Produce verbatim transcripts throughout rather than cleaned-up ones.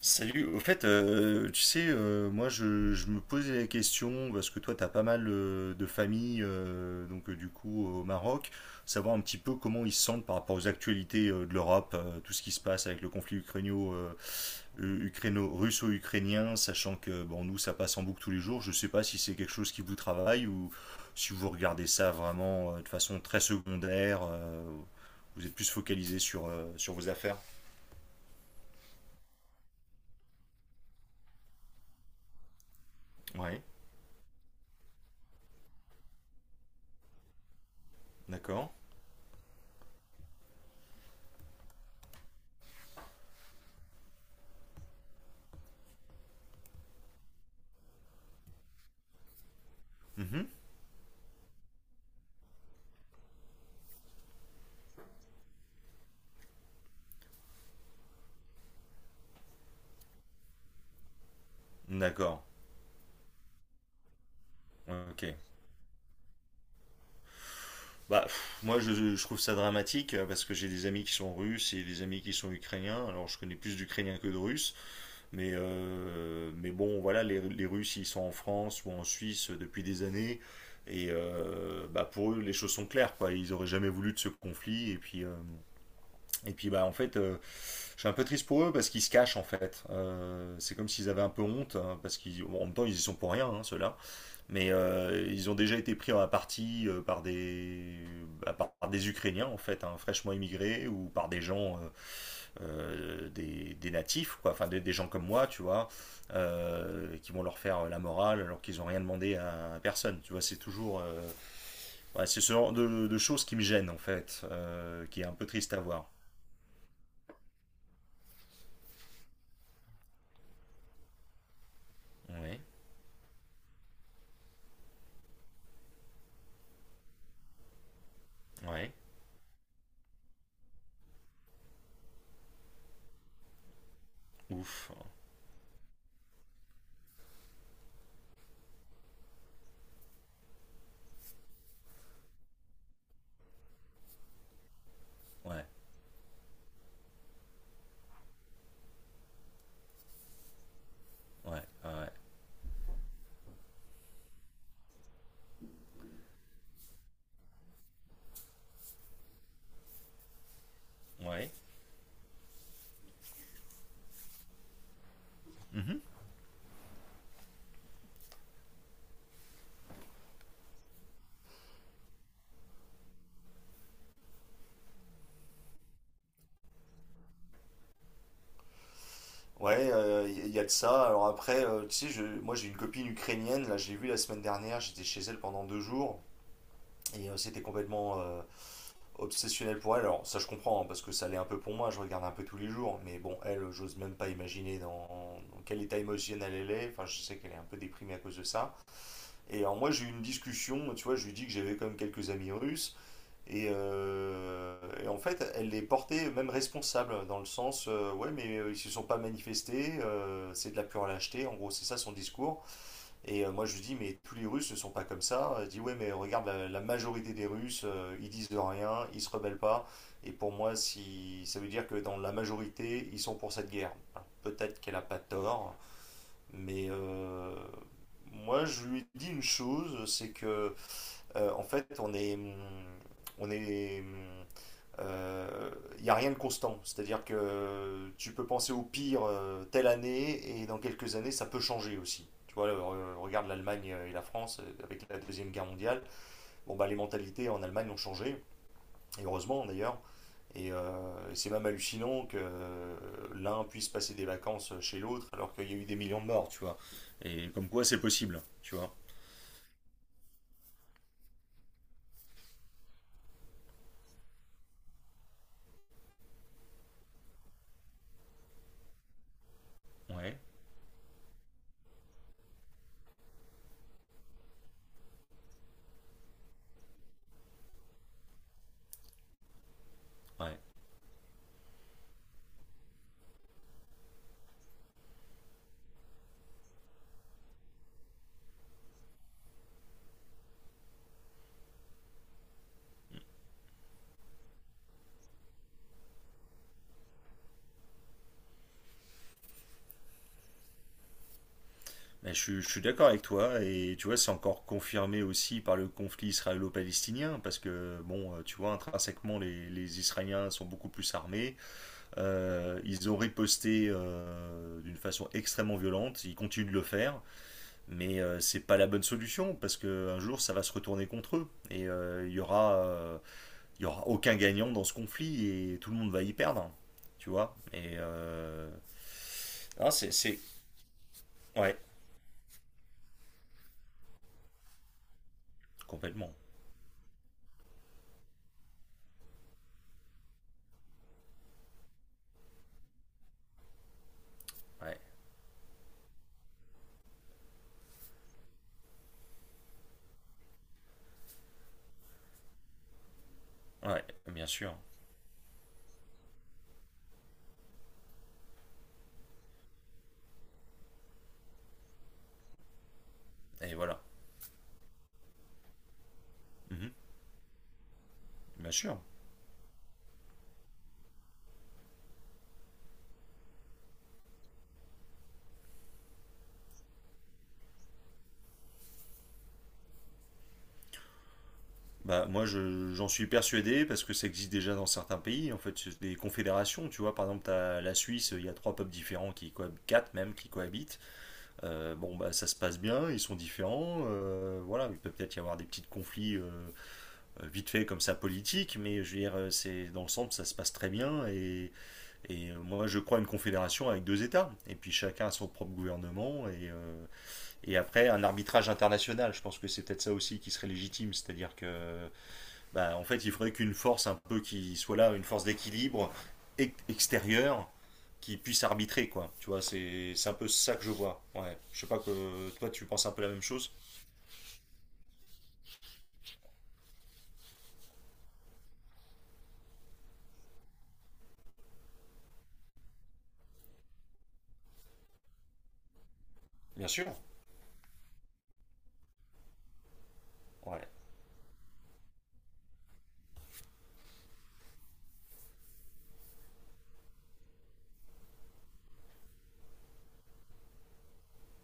Salut, au fait, euh, tu sais, euh, moi je, je me posais la question, parce que toi t'as pas mal euh, de familles, euh, donc euh, du coup au Maroc, savoir un petit peu comment ils se sentent par rapport aux actualités euh, de l'Europe, euh, tout ce qui se passe avec le conflit ukrainio, euh, ukraino, russo-ukrainien, sachant que bon nous ça passe en boucle tous les jours. Je sais pas si c'est quelque chose qui vous travaille ou si vous regardez ça vraiment euh, de façon très secondaire, euh, vous êtes plus focalisé sur, euh, sur vos affaires. Ouais, d'accord. Mhm. D'accord. Ok. Bah, pff, moi, je, je trouve ça dramatique, euh, parce que j'ai des amis qui sont russes et des amis qui sont ukrainiens. Alors, je connais plus d'Ukrainiens que de Russes, mais, euh, mais bon, voilà, les, les Russes, ils sont en France ou en Suisse depuis des années. Et euh, bah, pour eux, les choses sont claires, quoi. Ils auraient jamais voulu de ce conflit. Et puis, euh, et puis bah, en fait, euh, je suis un peu triste pour eux parce qu'ils se cachent, en fait. Euh, c'est comme s'ils avaient un peu honte, hein, parce qu'en même temps, ils y sont pour rien, hein, ceux-là. Mais euh, ils ont déjà été pris à partie, euh, par des, bah, par, par des Ukrainiens, en fait, hein, fraîchement immigrés, ou par des gens, euh, euh, des, des natifs, quoi, enfin des, des gens comme moi, tu vois, euh, qui vont leur faire euh, la morale alors qu'ils n'ont rien demandé à personne. Tu vois, c'est toujours, euh, ouais, c'est ce genre de, de choses qui me gênent, en fait, euh, qui est un peu triste à voir. Ouais, ouais, ouf, ouais, ouais, ouais, ouais. Mhm. Ouais, euh, il y a de ça. Alors après, euh, tu sais, je, moi j'ai une copine ukrainienne, là j'ai vu la semaine dernière, j'étais chez elle pendant deux jours, et euh, c'était complètement, euh, obsessionnel pour elle. Alors ça je comprends, hein, parce que ça l'est un peu pour moi, je regarde un peu tous les jours, mais bon, elle, j'ose même pas imaginer dans, dans quel état émotionnel elle est. Enfin, je sais qu'elle est un peu déprimée à cause de ça. Et alors moi j'ai eu une discussion, tu vois, je lui dis que j'avais quand même quelques amis russes, et, euh, et en fait, elle les portait même responsables, dans le sens, euh, ouais, mais euh, ils se sont pas manifestés, euh, c'est de la pure lâcheté, en gros, c'est ça son discours. Et euh, moi, je lui dis, mais tous les Russes ne sont pas comme ça. Elle dit, ouais, mais regarde, la, la majorité des Russes, euh, ils disent de rien, ils se rebellent pas. Et pour moi, si, ça veut dire que dans la majorité, ils sont pour cette guerre. Alors, peut-être qu'elle a pas tort, mais euh, moi, je lui dis une chose, c'est que, euh, en fait, on est. hum, On est. hum, il euh, n'y a rien de constant. C'est-à-dire que tu peux penser au pire, euh, telle année, et dans quelques années, ça peut changer aussi. Tu vois, euh, regarde l'Allemagne et la France, euh, avec la Deuxième Guerre mondiale. Bon, bah, les mentalités en Allemagne ont changé, et heureusement d'ailleurs. Et euh, c'est même hallucinant que euh, l'un puisse passer des vacances chez l'autre alors qu'il y a eu des millions de morts, tu vois. Et comme quoi c'est possible, tu vois. Ouais, ouais. Ben, je, suis- je suis d'accord avec toi, et tu vois, c'est encore confirmé aussi par le conflit israélo-palestinien, parce que bon, euh, tu vois, intrinsèquement, les, les Israéliens sont beaucoup plus armés. Euh, ils ont riposté euh, d'une façon extrêmement violente, ils continuent de le faire, mais euh, c'est pas la bonne solution, parce que un jour ça va se retourner contre eux, et euh, il y aura euh, il y aura aucun gagnant dans ce conflit, et tout le monde va y perdre, tu vois. Et euh, non, c'est c'est- ouais, complètement. Ouais. Ouais, bien sûr. Et voilà. Mhm. Bien sûr. Bah, moi, je- j'en suis persuadé parce que ça existe déjà dans certains pays. En fait, c'est des confédérations, tu vois. Par exemple, t'as la Suisse, il y a trois peuples différents qui cohabitent, quatre même, qui cohabitent. Euh, bon, bah, ça se passe bien, ils sont différents, euh, voilà, il peut peut-être y avoir des petits conflits, euh, euh, vite fait comme ça, politiques, mais je veux dire, euh, c'est, dans l'ensemble, ça se passe très bien. Et, et, euh, moi, je crois à une confédération avec deux États. Et puis chacun a son propre gouvernement et, euh, Et après, un arbitrage international, je pense que c'est peut-être ça aussi qui serait légitime, c'est-à-dire que, bah, en fait, il faudrait qu'une force un peu qui soit là, une force d'équilibre ex- extérieure, qui puisse arbitrer, quoi. Tu vois, c'est c'est un peu ça que je vois. Ouais. Je sais pas que toi, tu penses un peu la même chose. Bien sûr. Ouais.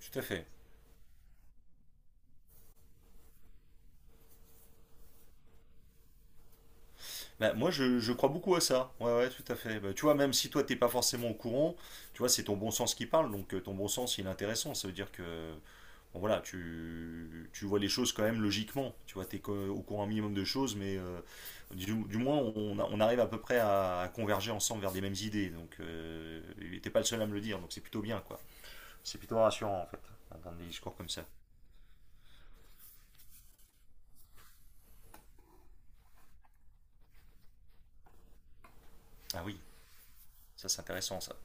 Tout à fait. Bah, moi, je, je crois beaucoup à ça. Ouais, ouais, tout à fait. Bah, tu vois, même si toi, t'es pas forcément au courant, tu vois, c'est ton bon sens qui parle. Donc, euh, ton bon sens, il est intéressant. Ça veut dire que, bon, voilà, tu, tu vois les choses quand même logiquement. Tu vois, t'es co- au courant un minimum de choses, mais euh, du, du moins, on, a- on arrive à peu près à, à converger ensemble vers des mêmes idées. Donc, euh, t'es pas le seul à me le dire. Donc, c'est plutôt bien, quoi. C'est plutôt rassurant, en fait, d'entendre des discours comme ça. Ah oui, ça, c'est intéressant, ça.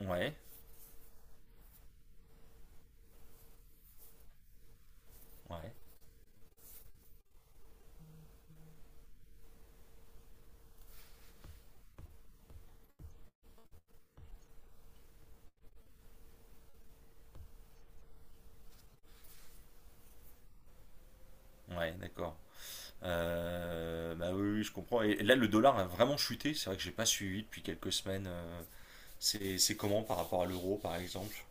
Ouais, ouais, ouais, d'accord. Euh, bah oui, oui, je comprends. Et là, le dollar a vraiment chuté. C'est vrai que j'ai pas suivi depuis quelques semaines, euh, c'est c'est comment par rapport à l'euro, par exemple?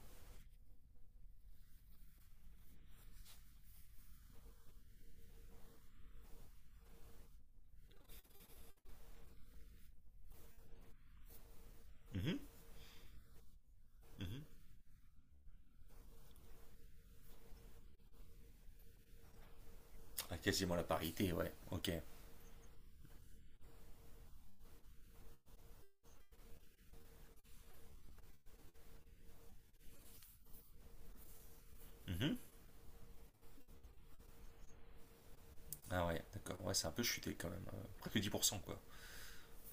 Mhm, mhm. Ah, quasiment la parité, ouais. Ok. Mhm. Ah ouais, d'accord. Ouais, c'est un peu chuté quand même, euh, presque dix pour cent, quoi.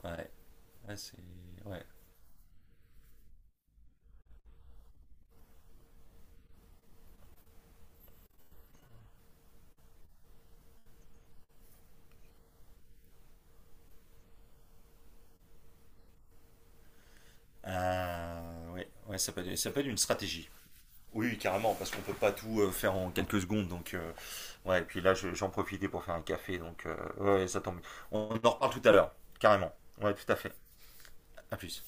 Ouais, ouais, c'est... Ouais. Ah, ouais, ouais, ça peut être, ça peut être une stratégie. Oui, carrément, parce qu'on peut pas tout euh, faire en quelques secondes. Donc, euh, ouais, et puis là, je- j'en profitais pour faire un café. Donc, euh, ouais, ouais, ça tombe. On en reparle tout à l'heure, carrément. Ouais, tout à fait. À plus.